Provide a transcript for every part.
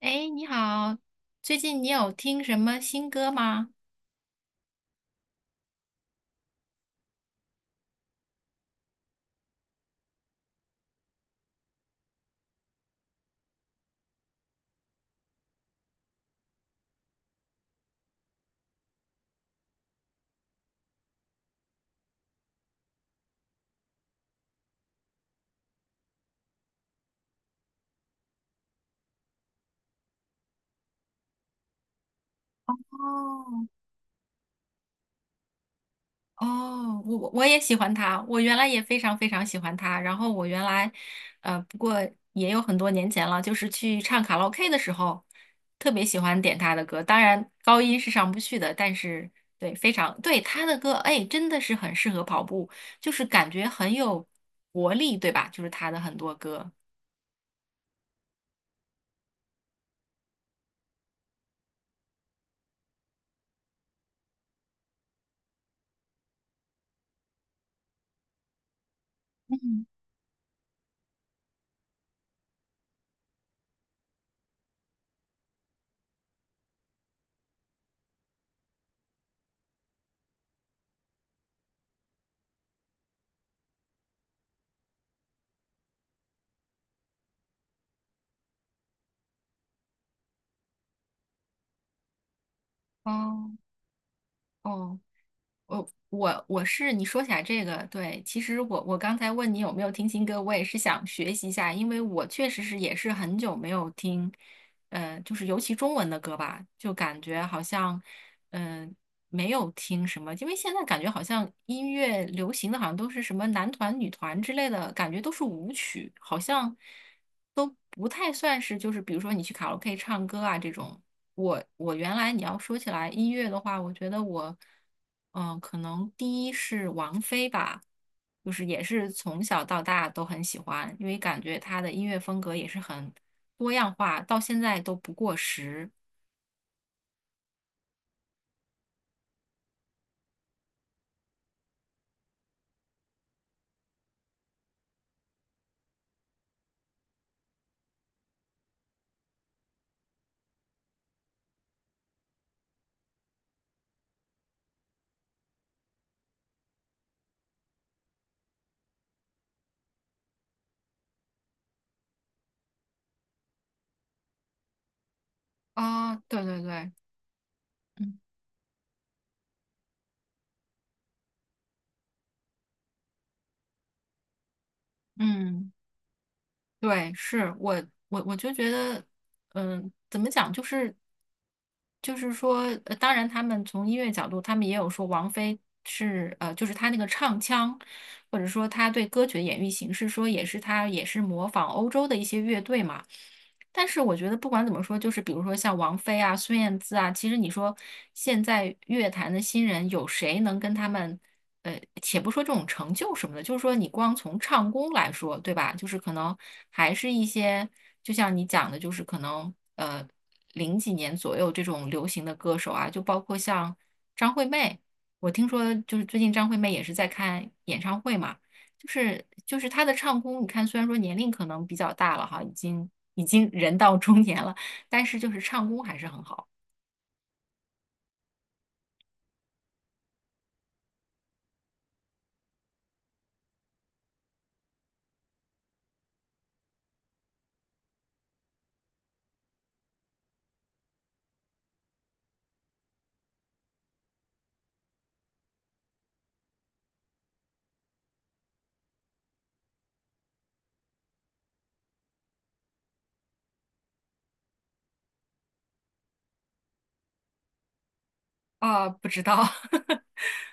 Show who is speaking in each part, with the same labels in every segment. Speaker 1: 哎，你好，最近你有听什么新歌吗？哦。哦，我也喜欢他，我原来也非常非常喜欢他。然后我原来，不过也有很多年前了，就是去唱卡拉 OK 的时候，特别喜欢点他的歌。当然高音是上不去的，但是对，非常对他的歌，哎，真的是很适合跑步，就是感觉很有活力，对吧？就是他的很多歌。哦。哦。我我是你说起来这个，对，其实我刚才问你有没有听新歌，我也是想学习一下，因为我确实是也是很久没有听，就是尤其中文的歌吧，就感觉好像，嗯、没有听什么，因为现在感觉好像音乐流行的好像都是什么男团、女团之类的，感觉都是舞曲，好像都不太算是就是比如说你去卡拉 OK 唱歌啊这种。我我原来你要说起来音乐的话，我觉得我，可能第一是王菲吧，就是也是从小到大都很喜欢，因为感觉她的音乐风格也是很多样化，到现在都不过时。啊、对对对，嗯。嗯对，我就觉得，嗯，怎么讲，就是说，当然他们从音乐角度，他们也有说王菲是就是她那个唱腔，或者说她对歌曲的演绎形式，说也是她也是模仿欧洲的一些乐队嘛。但是我觉得不管怎么说，就是比如说像王菲啊、孙燕姿啊，其实你说现在乐坛的新人有谁能跟他们？且不说这种成就什么的，就是说你光从唱功来说，对吧？就是可能还是一些，就像你讲的，就是可能零几年左右这种流行的歌手啊，就包括像张惠妹，我听说就是最近张惠妹也是在看演唱会嘛，就是她的唱功，你看虽然说年龄可能比较大了哈，已经已经人到中年了，但是就是唱功还是很好啊，不知道，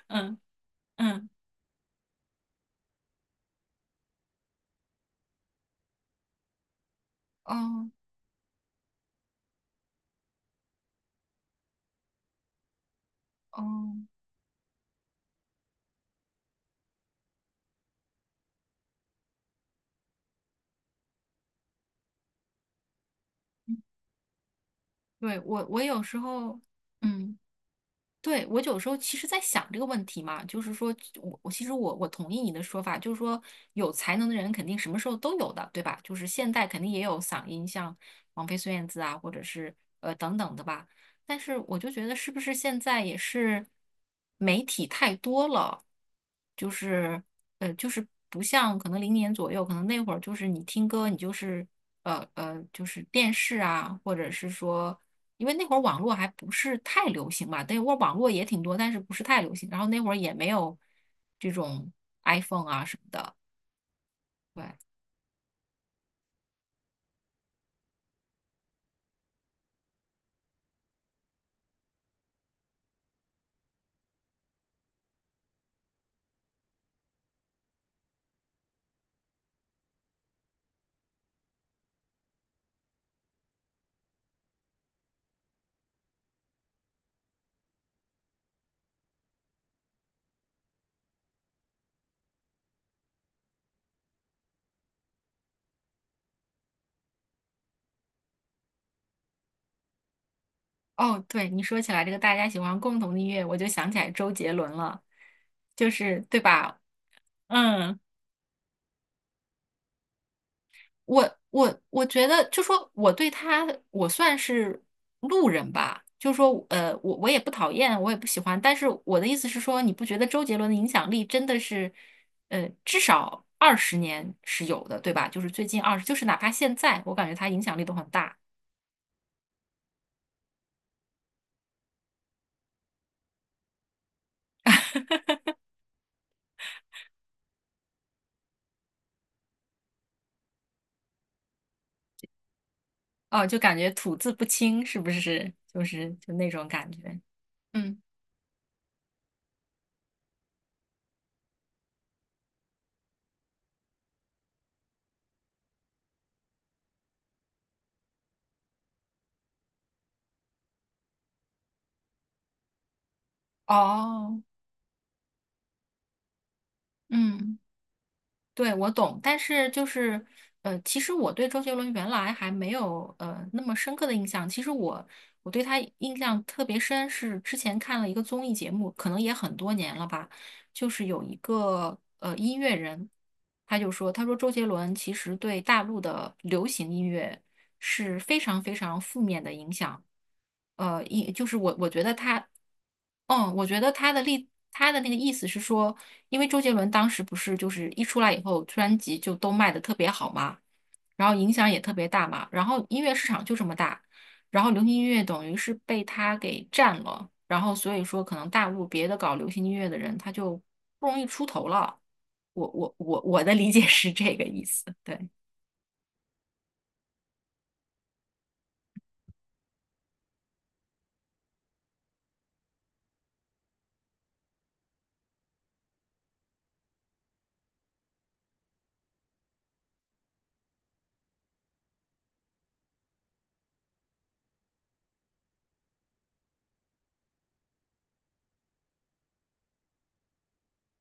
Speaker 1: 嗯。嗯。哦。哦。对，我有时候，嗯，对，我有时候其实在想这个问题嘛，就是说我其实我同意你的说法，就是说有才能的人肯定什么时候都有的，对吧？就是现代肯定也有嗓音，像王菲、孙燕姿啊，或者是呃等等的吧。但是我就觉得是不是现在也是媒体太多了，就是就是不像可能零年左右，可能那会儿就是你听歌，你就是就是电视啊，或者是说，因为那会儿网络还不是太流行吧，那会儿网络也挺多，但是不是太流行，然后那会儿也没有这种 iPhone 啊什么的，对。哦，对，你说起来这个大家喜欢共同的音乐，我就想起来周杰伦了，就是对吧？嗯。我觉得，就说我对他，我算是路人吧。就说我也不讨厌，我也不喜欢。但是我的意思是说，你不觉得周杰伦的影响力真的是，呃，至少二十年是有的，对吧？就是最近二十，就是哪怕现在，我感觉他影响力都很大哦，就感觉吐字不清，是不是？就是就那种感觉。嗯。哦。嗯。对，我懂，但是就是，其实我对周杰伦原来还没有那么深刻的印象。其实我我对他印象特别深，是之前看了一个综艺节目，可能也很多年了吧，就是有一个音乐人，他就说，他说周杰伦其实对大陆的流行音乐。是非常非常负面的影响。就是我觉得他，嗯，我觉得他的那个意思是说，因为周杰伦当时不是就是一出来以后，专辑就都卖的特别好嘛，然后影响也特别大嘛，然后音乐市场就这么大，然后流行音乐等于是被他给占了，然后所以说可能大陆别的搞流行音乐的人他就不容易出头了。我的理解是这个意思，对。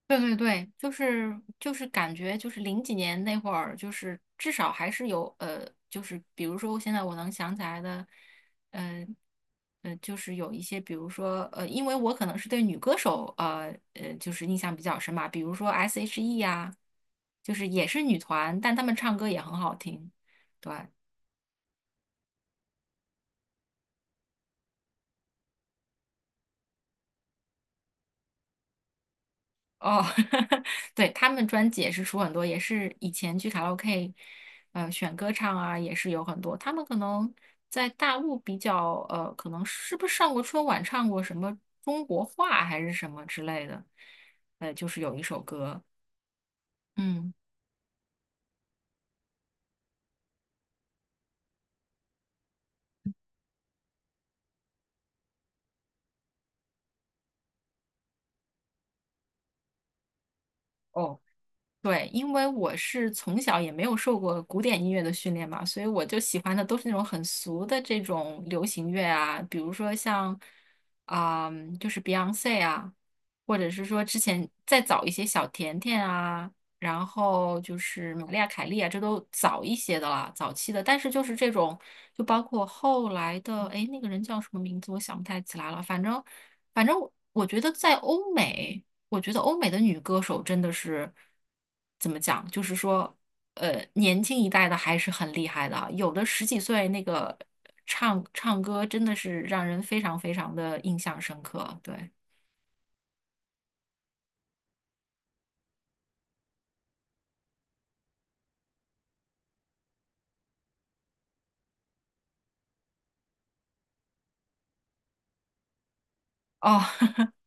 Speaker 1: 对对对，就是就是感觉就是零几年那会儿，就是至少还是有就是比如说现在我能想起来的，呃就是有一些，比如说因为我可能是对女歌手就是印象比较深嘛，比如说 S.H.E 呀、就是也是女团，但她们唱歌也很好听，对。哦，对，他们专辑也是出很多，也是以前去卡拉 OK，选歌唱啊，也是有很多。他们可能在大陆比较，可能是不是上过春晚，唱过什么中国话还是什么之类的，就是有一首歌，嗯。哦。对，因为我是从小也没有受过古典音乐的训练嘛，所以我就喜欢的都是那种很俗的这种流行乐啊，比如说像，啊、就是 Beyonce 啊，或者是说之前再早一些小甜甜啊，然后就是玛丽亚凯莉啊，这都早一些的啦，早期的。但是就是这种，就包括后来的，哎，那个人叫什么名字，我想不太起来了，反正我觉得在欧美。我觉得欧美的女歌手真的是怎么讲，就是说，年轻一代的还是很厉害的啊有的十几岁那个唱歌真的是让人非常非常的印象深刻。对，哦，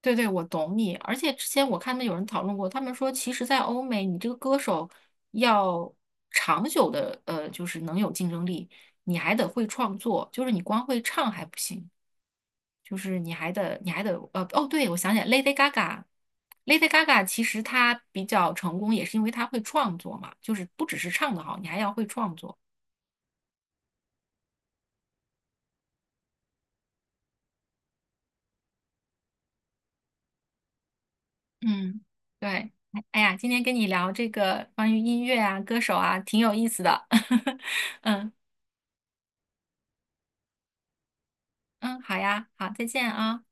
Speaker 1: 对对，我懂你。而且之前我看到有人讨论过，他们说，其实，在欧美，你这个歌手要长久的，就是能有竞争力，你还得会创作，就是你光会唱还不行。就是你还得哦，对，我想起来，Lady Gaga。Lady Gaga 其实她比较成功，也是因为她会创作嘛，就是不只是唱得好，你还要会创作。嗯，对，哎哎呀，今天跟你聊这个关于音乐啊、歌手啊，挺有意思的。嗯。嗯，好呀，好，再见啊。